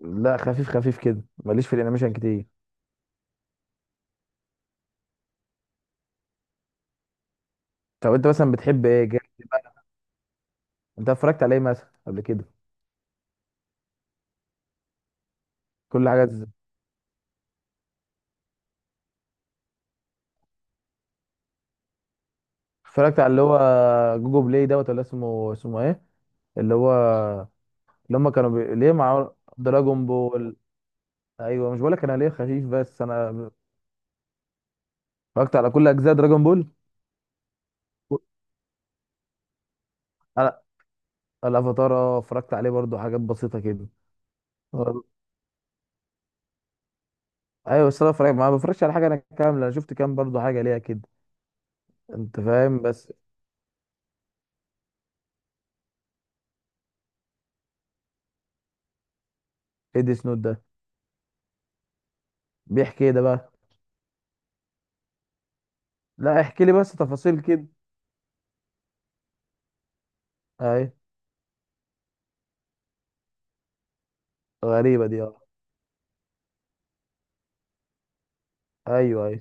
لا، خفيف خفيف كده، ماليش في الانيميشن كتير. طب انت مثلا بتحب ايه انت اتفرجت على ايه مثلا قبل كده؟ كل حاجه اتفرجت على اللي هو جوجو بلاي دوت، ولا اسمه ايه، اللي هو، اللي هم كانوا ليه مع دراجون بول. ايوه، مش بقولك انا ليه خفيف، بس انا اتفرجت على كل اجزاء دراجون بول. انا، الافاتار، اتفرجت عليه برضو، حاجات بسيطه كده. اه، ايوه، بس انا اتفرجت، ما بفرجش على حاجه كامله، شفت كام برضو حاجه ليها كده. انت فاهم، بس ايه دي سنود ده؟ بيحكي ايه ده بقى؟ لا، احكي لي بس تفاصيل كده. اي. غريبة دي، اه. ايوه، ايوه.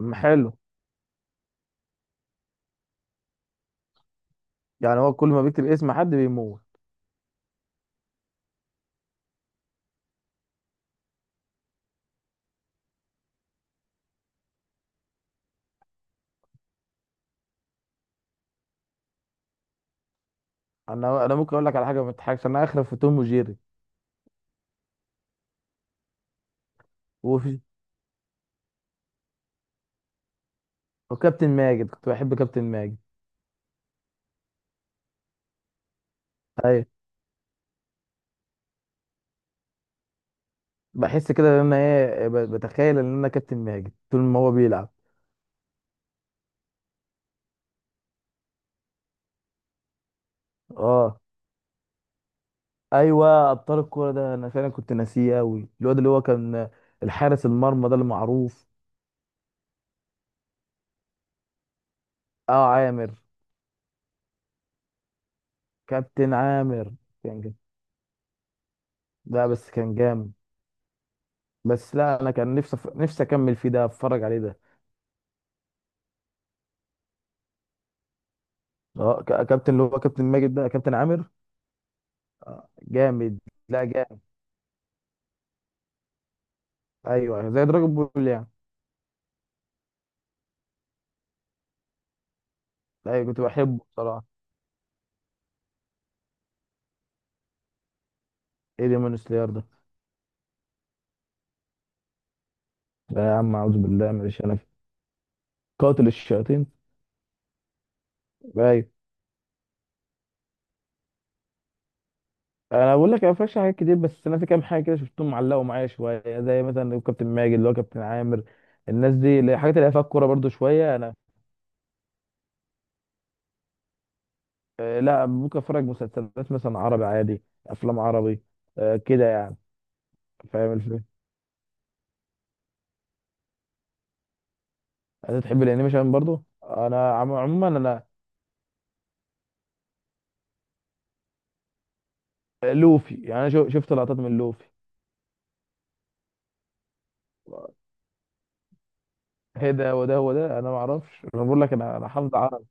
حلو. يعني هو كل ما بيكتب اسم حد بيموت؟ انا ممكن اقول لك على حاجة ما تضحكش، انا اخرف في توم وجيري. وفي، وكابتن ماجد، كنت بحب كابتن ماجد. اي. بحس كده ان انا، ايه، بتخيل ان انا كابتن ماجد طول ما هو بيلعب. اه، ايوه، ابطال الكورة ده انا فعلا كنت ناسيه قوي، الواد اللي هو كان الحارس المرمى ده المعروف. اه، عامر. كابتن عامر، كان جامد. لا، بس كان جامد. بس لا، انا كان نفسي نفسي اكمل فيه ده، اتفرج عليه ده. اه، كابتن، اللي هو كابتن ماجد ده كابتن عامر. آه، جامد. لا، جامد. ايوه، أيوه، زي دراجون بول يعني. ايوه، كنت بحبه بصراحه. ايه ديمون سلاير ده؟ لا يا عم، اعوذ بالله، معلش، انا في قاتل الشياطين. ايوه. انا بقول لك انا مفيش حاجات كتير، بس انا في كام حاجه كده شفتهم، معلقوا معايا شويه، زي مثلا كابتن ماجد اللي هو كابتن عامر. الناس دي، الحاجات اللي هي فيها الكوره برضو شويه، انا، آه، لا، ممكن اتفرج مسلسلات مثلا عربي عادي، افلام عربي. آه، كده يعني. فاهم الفكره. انت تحب الانيميشن برضو، انا عموما انا. لوفي، يعني انا شفت لقطات من لوفي. ايه ده؟ وده وده انا ما اعرفش، انا بقول لك، انا حافظ عربي.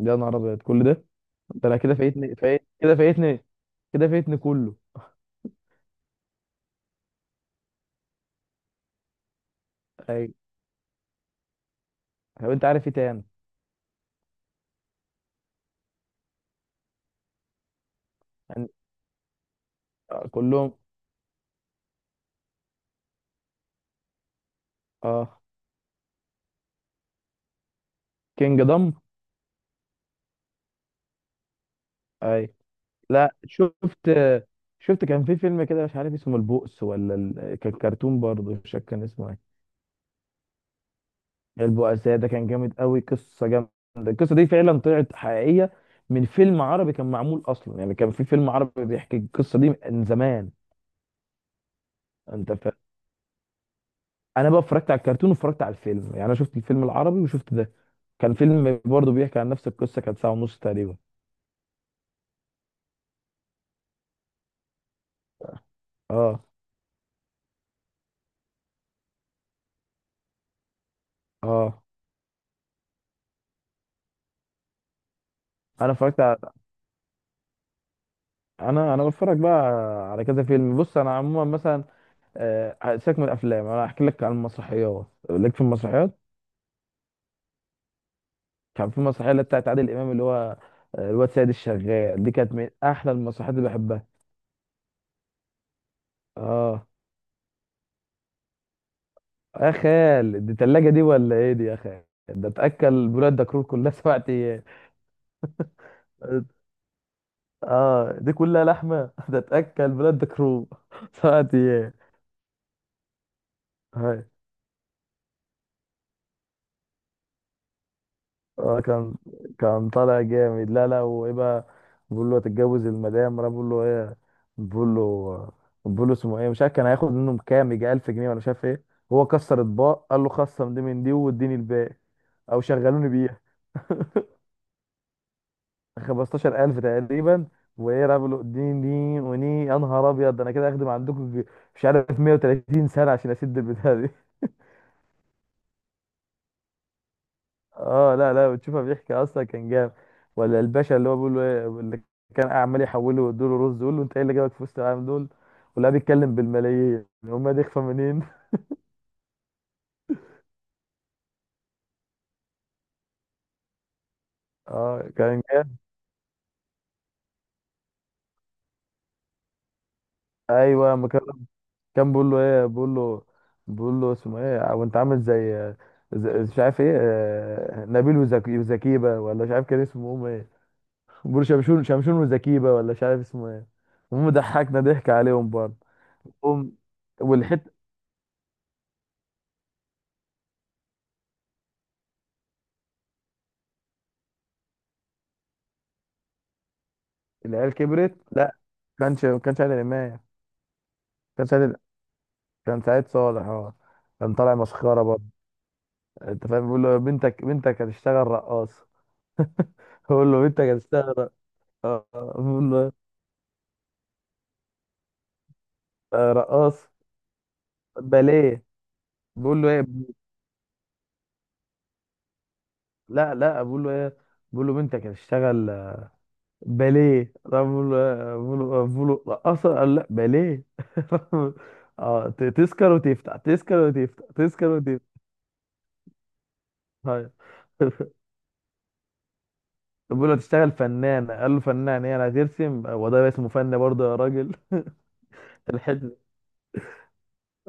يا نهار ابيض، كل ده! انت، انا كده فايتني، فايت كده فايتني، كده فايتني كله. اي. طب انت عارف ايه تاني؟ يعني، آه، كلهم. اه، كينج دم. اي. لا، شفت، كان في فيلم كده مش عارف اسمه البؤس ولا كان كرتون برضه، مش فاكر كان اسمه إيه. البؤساء ده كان جامد قوي، قصه جامده. القصه دي فعلا طلعت حقيقيه، من فيلم عربي كان معمول اصلا، يعني كان في فيلم عربي بيحكي القصه دي من زمان. انت فاهم، انا بقى اتفرجت على الكرتون واتفرجت على الفيلم، يعني انا شفت الفيلم العربي وشفت ده. كان فيلم برضه بيحكي عن نفس القصه، كانت ساعه ونص تقريبا. اه، اه. انا اتفرجت على... انا بتفرج بقى على كذا فيلم، بص انا عموما مثلا، آه، سيبك من الافلام، انا هحكي لك عن المسرحيات، ليك في المسرحيات؟ كان في مسرحيه اللي بتاعت عادل امام، اللي هو، الواد سيد الشغال، دي كانت من احلى المسرحيات اللي بحبها. اه. يا خال، دي تلاجة دي ولا ايه دي يا خال؟ ده تاكل بلاد دكرور كلها 7 ايام. اه، دي كلها لحمه. ده تاكل بلاد دكرور 7 ايام. اه، كان، كان طالع جامد. لا، لا، وايه بقى؟ بقول له هتتجوز المدام، راح بقول له ايه. بقول له بقول له اسمه ايه، مش عارف، كان هياخد منهم كام، يجي 1000 جنيه ولا مش عارف ايه. هو كسر اطباق، قال له خصم دي من دي واديني الباقي، او شغلوني بيها 15000 تقريبا. وايه، راح بقول له اديني دي وني، يا نهار ابيض، ده انا كده اخدم عندكم مش عارف 130 سنه عشان اسد البتاع دي. اه، لا، لا، بتشوفها بيحكي اصلا، كان جاب، ولا الباشا اللي هو بيقول له ايه، اللي كان عمال يحوله ويديله رز، يقول له انت ايه اللي جابك في وسط العالم دول، ولا بيتكلم بالملايين، هم دي اخفى منين؟ اه، كان جاب. ايوه، ما كان، كان بيقول له ايه، بيقول له اسمه ايه وانت عامل زي، مش عارف ايه، نبيل وزكي وزكيبه، ولا مش عارف كان اسمه هم ايه. بيقول له شمشون، شمشون وزكيبه، ولا مش عارف اسمه ايه. هم ضحكنا ضحك عليهم برضه. هم، والحته، العيال كبرت، لا، ما كانش عادل امام. كان سعيد، كان سعيد صالح، اه. كان طالع مسخره برضه. انت فاهم، بيقول له بنتك هتشتغل رقاص. بيقول له بنتك هتشتغل رقاص. آه، آه. بيقول له إيه؟ آه، رقاص باليه. بيقول له ايه؟ لا، لا، بيقول له ايه؟ بيقول له بنتك هتشتغل باليه، راح بيقول له، بيقول له رقاصه، قال لا باليه. اه، تسكر وتفتح، تسكر وتفتح، تسكر وتفتح. هاي. بيقول له تشتغل فنان، قال له فنان ايه، انا هترسم وده اسمه فن برضه يا راجل؟ الحلم.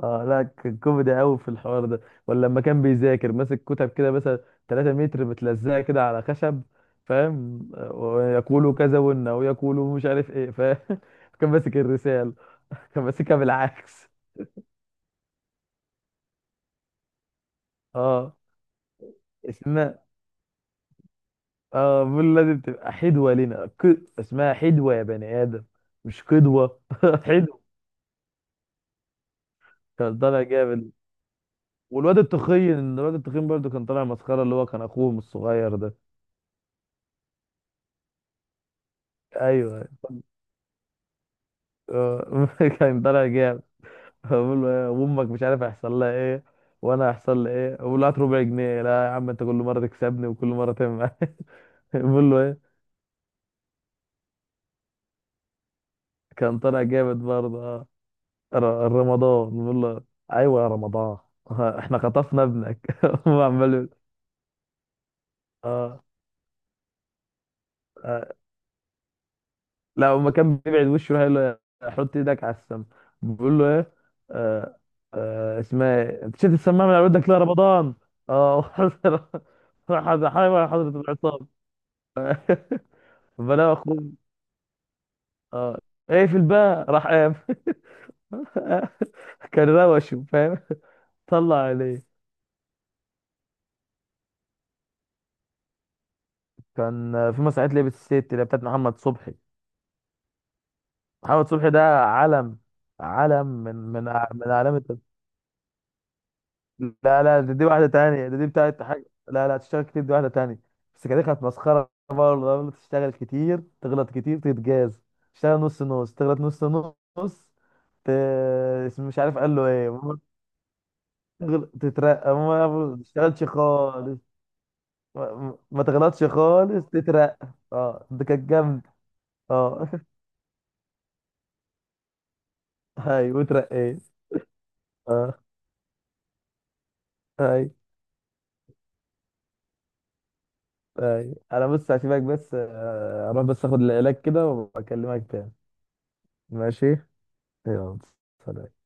اه، لا، كان كوميدي قوي في الحوار ده. ولا لما كان بيذاكر، ماسك كتب كده مثلا 3 متر متلزقه كده على خشب، فاهم؟ ويقول كذا وإن، ويقول مش عارف ايه، فاهم؟ كان ماسك الرساله، كان ماسكها بالعكس. اه، اسمها، اه بيقول لازم تبقى حدوه لنا اسمها حدوه يا بني ادم، مش قدوه. حدوه، كان طالع جامد. والواد التخين، الواد التخين برضه كان طالع مسخره، اللي هو كان اخوهم الصغير ده. ايوه، آه، كان طالع جامد. بقول له ايه، وامك مش عارف هيحصل لها ايه، وانا هيحصل لي ايه، بقول له هات ربع جنيه، لا يا عم انت كل مره تكسبني وكل مره تعمل معايا. بقول له ايه؟ كان طالع جامد برضه، اه. رمضان بقول له، ايوه يا رمضان. احنا خطفنا ابنك. هو عمال يقول، اه، آه، لو ما كان بيبعد وشه يروح يقول له، حط ايدك على السم. بيقول له ايه؟ آه، آه، اسمها ايه، انت شفت السماعه من على ودك ليه يا رمضان؟ اه. حضرة العصام. فلا اخوه، اه، ايه في الباء، راح قام. كان روشه، فاهم؟ طلع عليه. كان في مسرحيه لعبه الست اللي هي بتاعت محمد صبحي. محمد صبحي ده علم، علم من من اعلام. لا، لا، دي واحدة تانية، دي بتاعت حاجة، لا لا تشتغل كتير، دي واحدة تانية. بس كده كانت مسخرة برضه، قبل تشتغل كتير، تغلط كتير، تتجاز. تشتغل نص نص، تغلط نص، نص، ت... مش عارف قال له ايه، المهم تترقى، ما ما تشتغلش خالص، ما تغلطش خالص، تترقى. اه، دي كانت جامدة. اه. هاي، وترقيت. اه. هاي. هاي، انا بص هسيبك بس، اروح بس اخد العلاج كده وبكلمك تاني. ماشي، يلا سلام.